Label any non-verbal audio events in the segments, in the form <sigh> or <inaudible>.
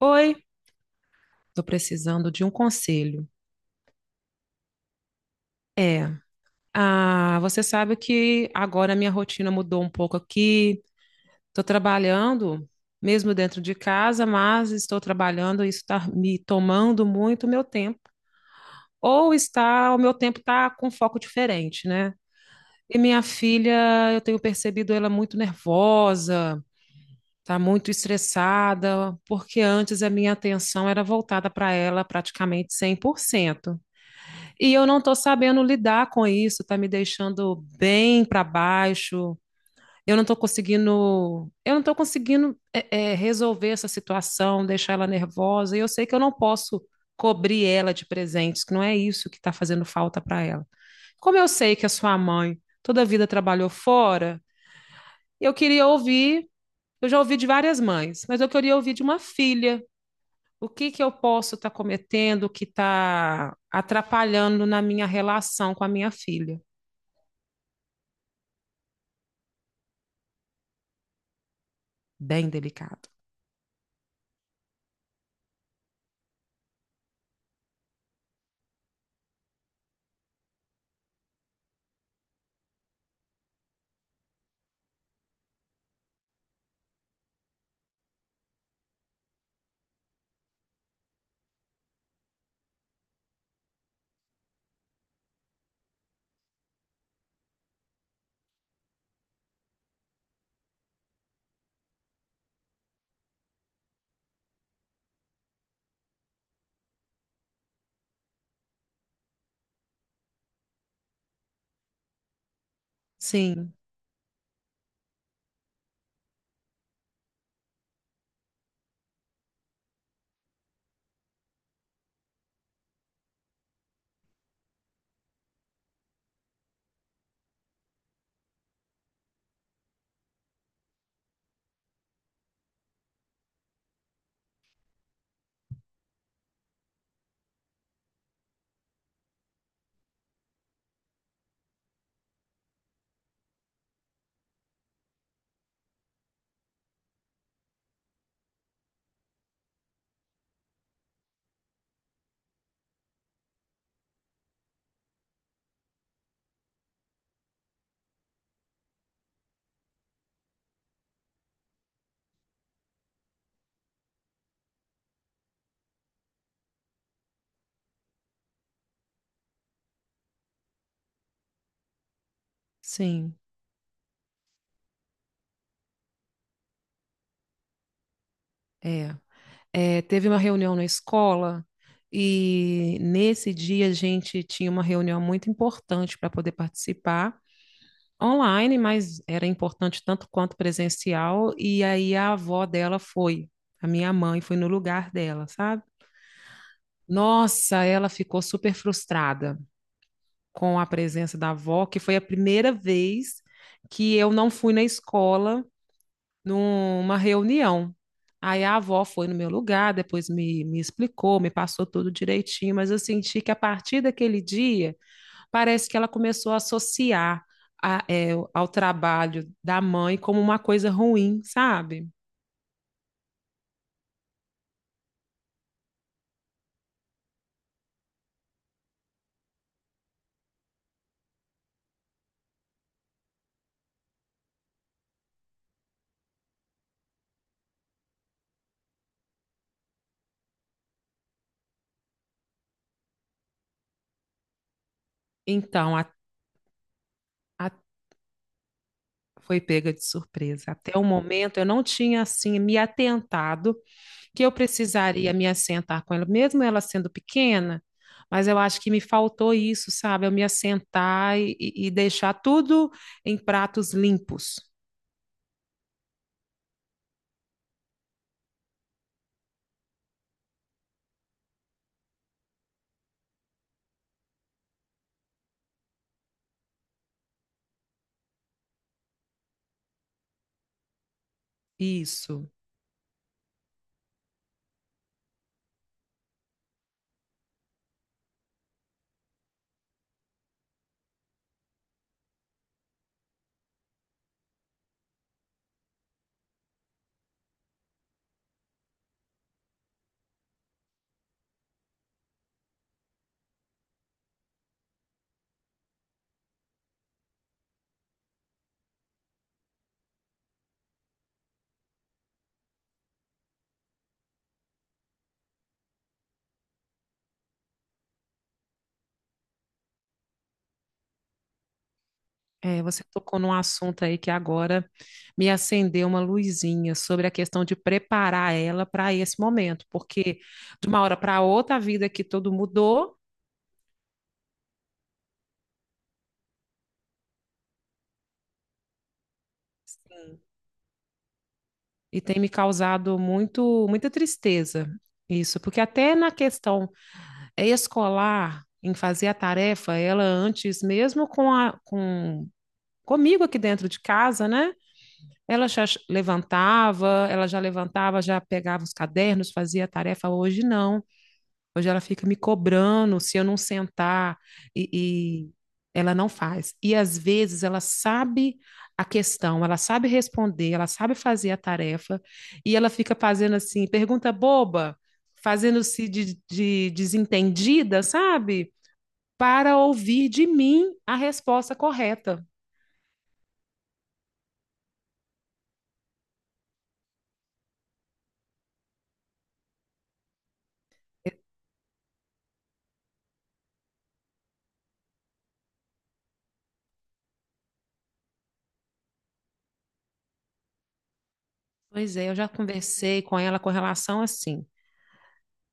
Oi, tô precisando de um conselho. É, você sabe que agora a minha rotina mudou um pouco aqui. Tô trabalhando mesmo dentro de casa, mas estou trabalhando e isso está me tomando muito meu tempo. Ou está, o meu tempo está com foco diferente, né? E minha filha, eu tenho percebido ela muito nervosa, tá muito estressada, porque antes a minha atenção era voltada para ela praticamente 100%. E eu não estou sabendo lidar com isso, está me deixando bem para baixo. Eu não estou conseguindo resolver essa situação, deixar ela nervosa. E eu sei que eu não posso cobrir ela de presentes, que não é isso que está fazendo falta para ela. Como eu sei que a sua mãe toda a vida trabalhou fora, eu queria ouvir, eu já ouvi de várias mães, mas eu queria ouvir de uma filha o que que eu posso estar cometendo que está atrapalhando na minha relação com a minha filha? Bem delicado. Sim, sim, é. É, teve uma reunião na escola e nesse dia a gente tinha uma reunião muito importante para poder participar online, mas era importante tanto quanto presencial. E aí a avó dela foi, a minha mãe foi no lugar dela, sabe? Nossa, ela ficou super frustrada com a presença da avó, que foi a primeira vez que eu não fui na escola numa reunião. Aí a avó foi no meu lugar, depois me explicou, me passou tudo direitinho, mas eu senti que a partir daquele dia, parece que ela começou a associar ao trabalho da mãe como uma coisa ruim, sabe? Então, a, a- foi pega de surpresa. Até o momento, eu não tinha, assim, me atentado que eu precisaria me assentar com ela, mesmo ela sendo pequena, mas eu acho que me faltou isso, sabe? Eu me assentar e deixar tudo em pratos limpos. Isso. É, você tocou num assunto aí que agora me acendeu uma luzinha sobre a questão de preparar ela para esse momento, porque de uma hora para outra a vida aqui todo mudou. Sim. E tem me causado muito, muita tristeza isso, porque até na questão escolar em fazer a tarefa, ela antes, mesmo comigo aqui dentro de casa, né? Ela já levantava, já pegava os cadernos, fazia a tarefa. Hoje não. Hoje ela fica me cobrando se eu não sentar e ela não faz. E às vezes ela sabe a questão, ela sabe responder, ela sabe fazer a tarefa e ela fica fazendo assim, pergunta boba, fazendo-se de desentendida, sabe? Para ouvir de mim a resposta correta. Pois é, eu já conversei com ela com relação assim.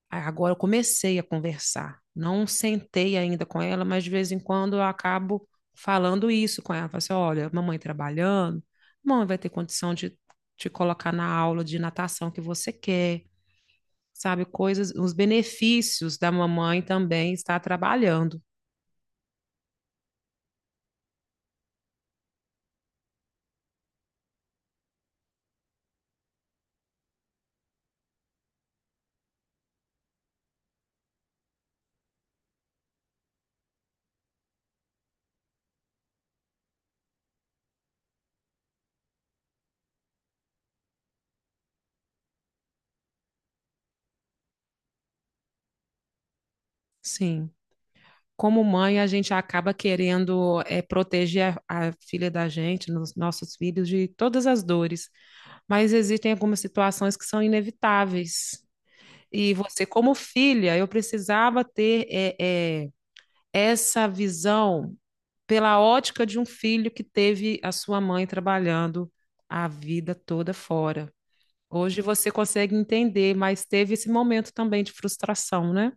Agora eu comecei a conversar. Não sentei ainda com ela, mas de vez em quando eu acabo falando isso com ela. Falo assim, olha, mamãe trabalhando, mamãe vai ter condição de te colocar na aula de natação que você quer, sabe? Coisas, os benefícios da mamãe também estar trabalhando. Sim. Como mãe, a gente acaba querendo proteger a filha da gente, nos nossos filhos, de todas as dores. Mas existem algumas situações que são inevitáveis. E você, como filha, eu precisava ter essa visão pela ótica de um filho que teve a sua mãe trabalhando a vida toda fora. Hoje você consegue entender, mas teve esse momento também de frustração, né?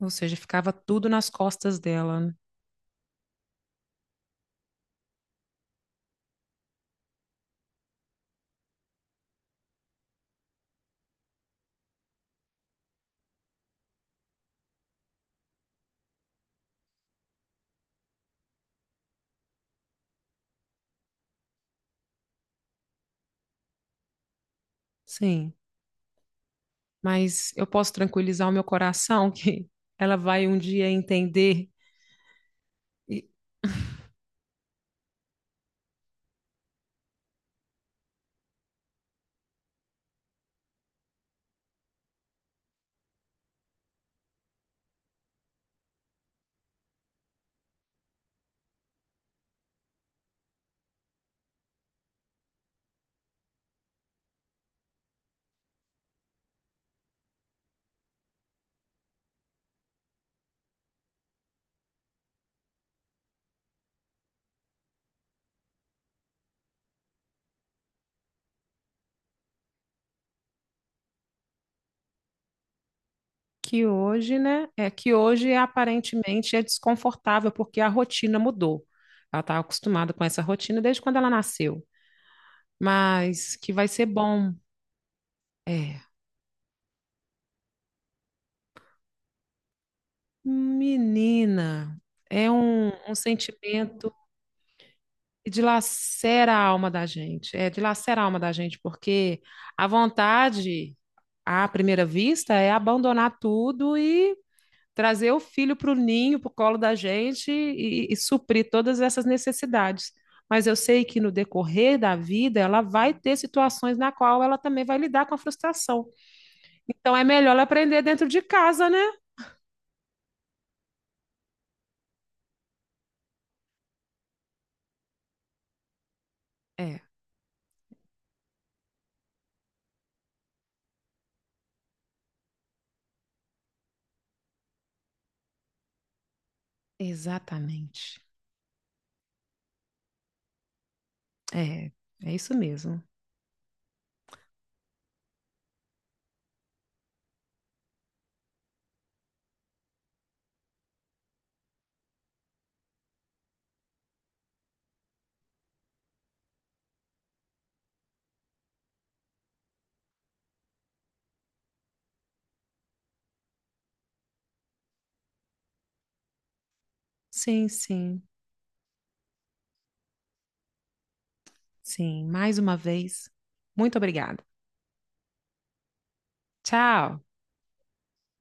Ou seja, ficava tudo nas costas dela, né? Sim. Mas eu posso tranquilizar o meu coração que <laughs> ela vai um dia entender e- <laughs> que hoje, né? É que hoje aparentemente é desconfortável porque a rotina mudou. Ela está acostumada com essa rotina desde quando ela nasceu, mas que vai ser bom. É, menina, é um sentimento que dilacera a alma da gente. É, dilacera a alma da gente porque a vontade à primeira vista é abandonar tudo e trazer o filho para o ninho, para o colo da gente e suprir todas essas necessidades. Mas eu sei que no decorrer da vida ela vai ter situações na qual ela também vai lidar com a frustração. Então é melhor ela aprender dentro de casa, né? É, exatamente. É, é isso mesmo. Sim, sim, sim. Mais uma vez, muito obrigada. Tchau.